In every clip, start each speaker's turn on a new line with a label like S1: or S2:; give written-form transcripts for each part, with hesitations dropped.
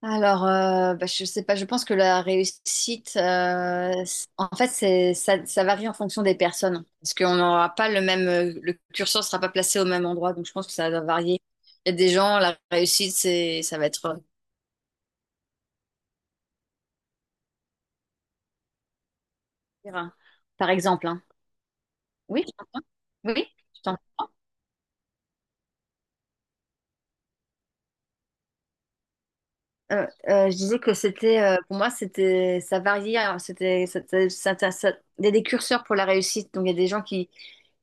S1: Je sais pas, je pense que la réussite, en fait, c'est, ça varie en fonction des personnes. Parce qu'on n'aura pas le même, le curseur sera pas placé au même endroit, donc je pense que ça va varier. Il y a des gens, la réussite, c'est, ça va être, euh, par exemple, hein. Oui, je t'entends. Oui, je t'entends. Je disais que c'était, pour moi, c'était, ça variait, hein. Il y a des curseurs pour la réussite. Donc, il y a des gens qui,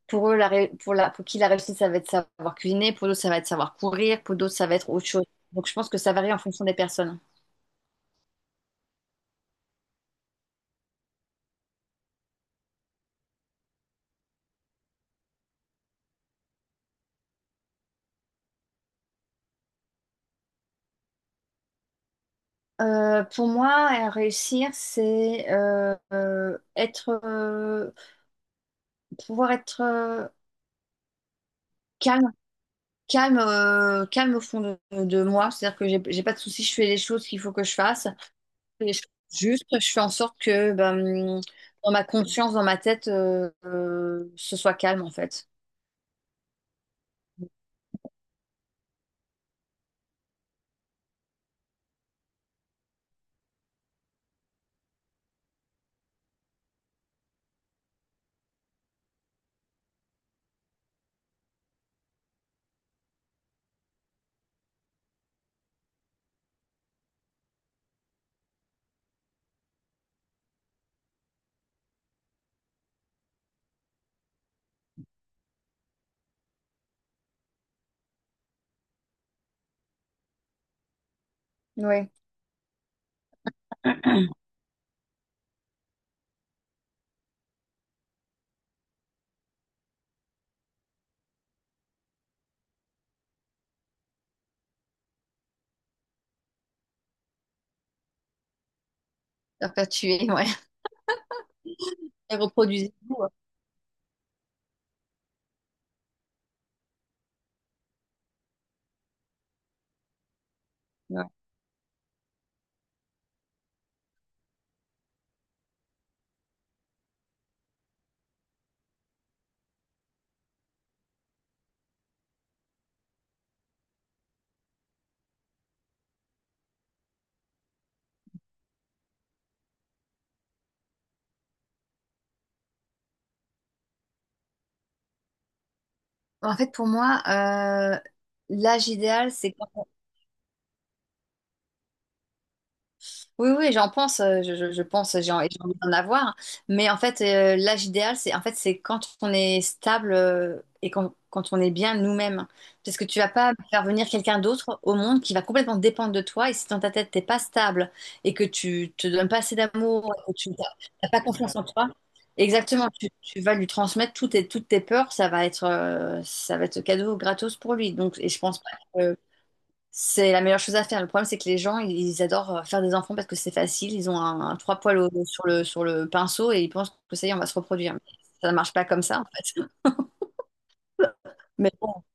S1: pour eux, la, ré- pour la, pour qui la réussite, ça va être savoir cuisiner. Pour d'autres, ça va être savoir courir. Pour d'autres, ça va être autre chose. Donc, je pense que ça varie en fonction des personnes. Pour moi, réussir, c'est être, pouvoir être, calme, calme au fond de moi. C'est-à-dire que j'ai pas de soucis, je fais les choses qu'il faut que je fasse. Et je- Juste, je fais en sorte que ben, dans ma conscience, dans ma tête, ce soit calme en fait. Oui. Perpétuer, ouais. Et reproduisez-vous, ouais. Ouais. En fait, pour moi, euh, l'âge idéal, c'est... Oui, oui, j'en pense, je pense, j'ai envie d'en avoir. Mais en fait, l'âge idéal, c'est en fait, c'est quand on est stable, et quand, quand on est bien nous-mêmes. Parce que tu vas pas faire venir quelqu'un d'autre au monde qui va complètement dépendre de toi. Et si dans ta tête, t'es pas stable et que tu te donnes pas assez d'amour, et que tu n'as pas confiance en toi, exactement, tu vas lui transmettre toutes tes peurs, ça va être cadeau gratos pour lui. Donc, et je pense pas c'est la meilleure chose à faire. Le problème, c'est que les gens, ils adorent faire des enfants parce que c'est facile. Ils ont un trois poils au- sur sur le pinceau et ils pensent que ça y est, on va se reproduire. Mais ça ne marche pas comme ça, en fait. Mais bon,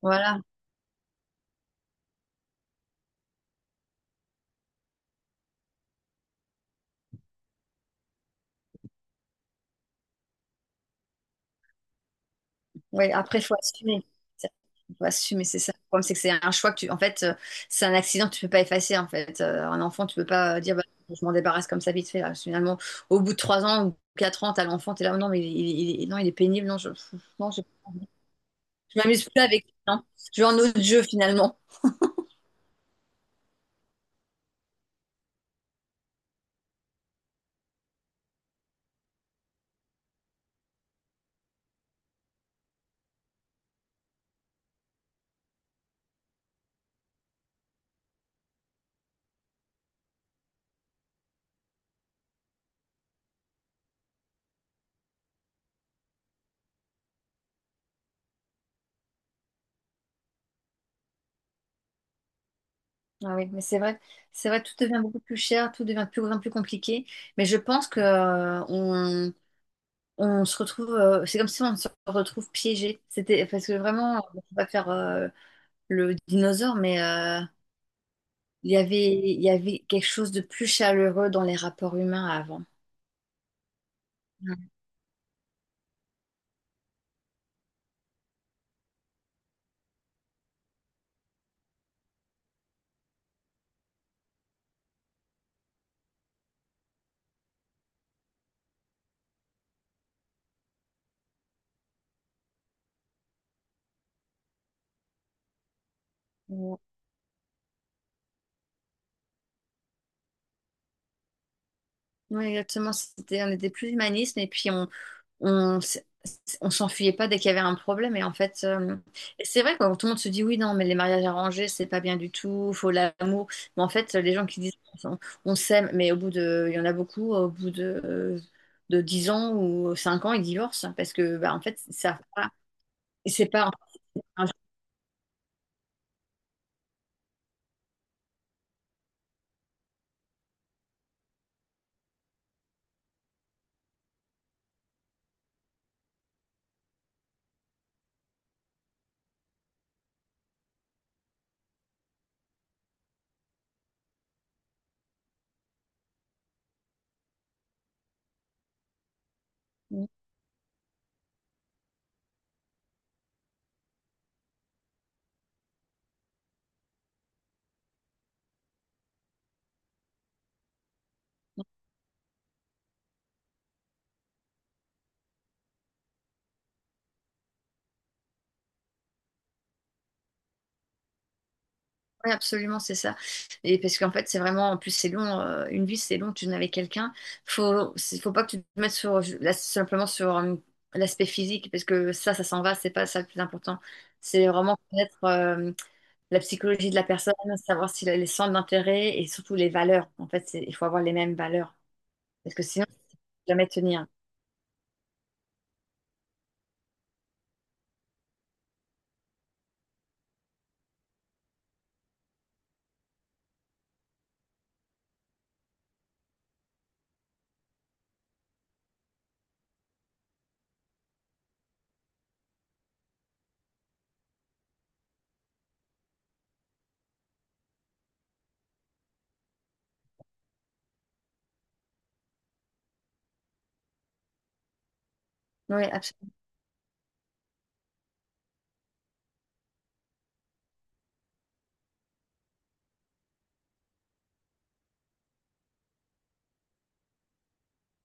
S1: voilà. Ouais, après, il faut assumer. Ça- Faut assumer, c'est ça. Le problème, c'est que c'est un choix que tu... En fait, c'est un accident que tu peux pas effacer, en fait. Un enfant, tu peux pas dire, bah, je m'en débarrasse comme ça vite fait. Là, finalement, au bout de trois ans ou quatre ans, t'as l'enfant, t'es là, non, mais non, il est pénible. Non, je m'amuse plus avec lui, non. Je vais en autre jeu, finalement. Ah oui, mais c'est vrai, tout devient beaucoup plus cher, tout devient de plus grand, plus compliqué. Mais je pense que on se retrouve, c'est comme si on se retrouve piégé. C'était parce que vraiment, on va pas faire le dinosaure, mais il y avait quelque chose de plus chaleureux dans les rapports humains avant. Ouais. Oui, exactement. C'était, on était plus humaniste et puis on on s'enfuyait pas dès qu'il y avait un problème. Et en fait, et c'est vrai, quoi, quand tout le monde se dit oui, non, mais les mariages arrangés, c'est pas bien du tout, faut l'amour. Mais en fait, les gens qui disent on, on s'aime, mais au bout de, il y en a beaucoup, au bout de 10 ans ou 5 ans, ils divorcent parce que, bah, en fait, ça, ils savent pas, c'est pas... Oui, absolument, c'est ça. Et parce qu'en fait, c'est vraiment, en plus, c'est long, une vie, c'est long, tu n'es avec quelqu'un. Faut pas que tu te mettes sur, là, simplement sur l'aspect physique, parce que ça s'en va, c'est pas ça le plus important. C'est vraiment connaître la psychologie de la personne, savoir si les centres d'intérêt et surtout les valeurs. Il faut avoir les mêmes valeurs, parce que sinon, tu peux jamais tenir. Oui, absolument.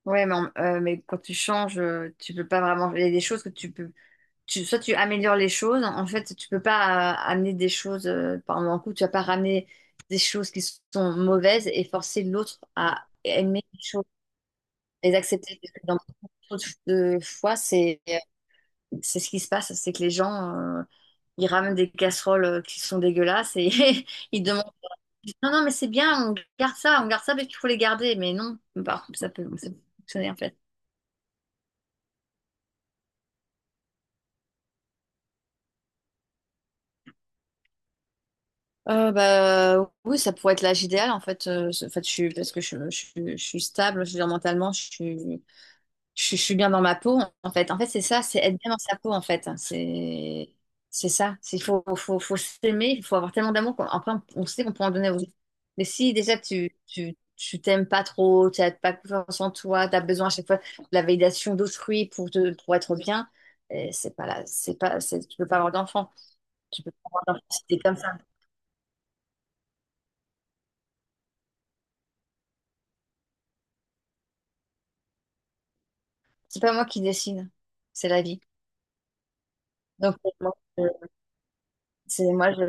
S1: Mais quand tu changes, tu peux pas vraiment. Il y a des choses que tu peux... tu, soit tu améliores les choses. En fait, tu peux pas amener des choses, par exemple, un coup, tu vas pas ramener des choses qui sont mauvaises et forcer l'autre à aimer les choses, les accepter. Parce que dans beaucoup de fois, c'est ce qui se passe, c'est que les gens, ils ramènent des casseroles qui sont dégueulasses et ils demandent, non, non, mais c'est bien, on garde ça parce qu'il faut les garder. Mais non, par ça peut fonctionner en fait. Oui, ça pourrait être l'âge idéal en fait. En fait, je suis, parce que je suis stable, je veux dire, mentalement, je suis bien dans ma peau en fait. En fait, c'est ça, c'est être bien dans sa peau en fait. C'est ça. Il faut, faut s'aimer, il faut avoir tellement d'amour qu'après on sait qu'on peut en donner aux autres. Mais si déjà tu t'aimes pas trop, tu n'as pas confiance en toi, tu as besoin à chaque fois de la validation d'autrui pour te, pour être bien, c'est pas là, c'est pas, c'est, tu peux pas avoir d'enfant. Tu peux pas avoir d'enfant si t'es comme ça. C'est pas moi qui décide, c'est la vie. Donc, moi, je, c'est moi, je,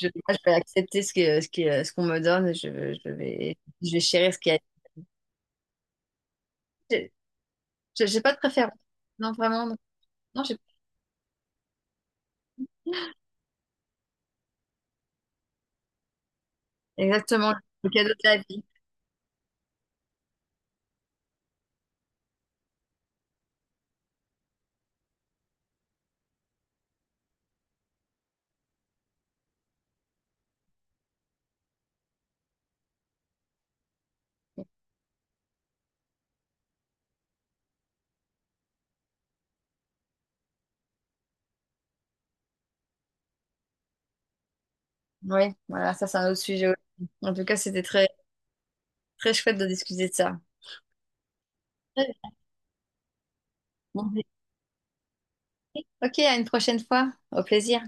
S1: je, moi, je vais accepter ce qu'on me donne. Je vais, je vais chérir ce qu'il y a. J'ai j'ai pas de préférence. Non, vraiment. Non, non, j'ai... exactement le cadeau de la vie. Oui, voilà, ça, c'est un autre sujet aussi. En tout cas, c'était très, très chouette de discuter de ça. Bon, ok, à une prochaine fois. Au plaisir.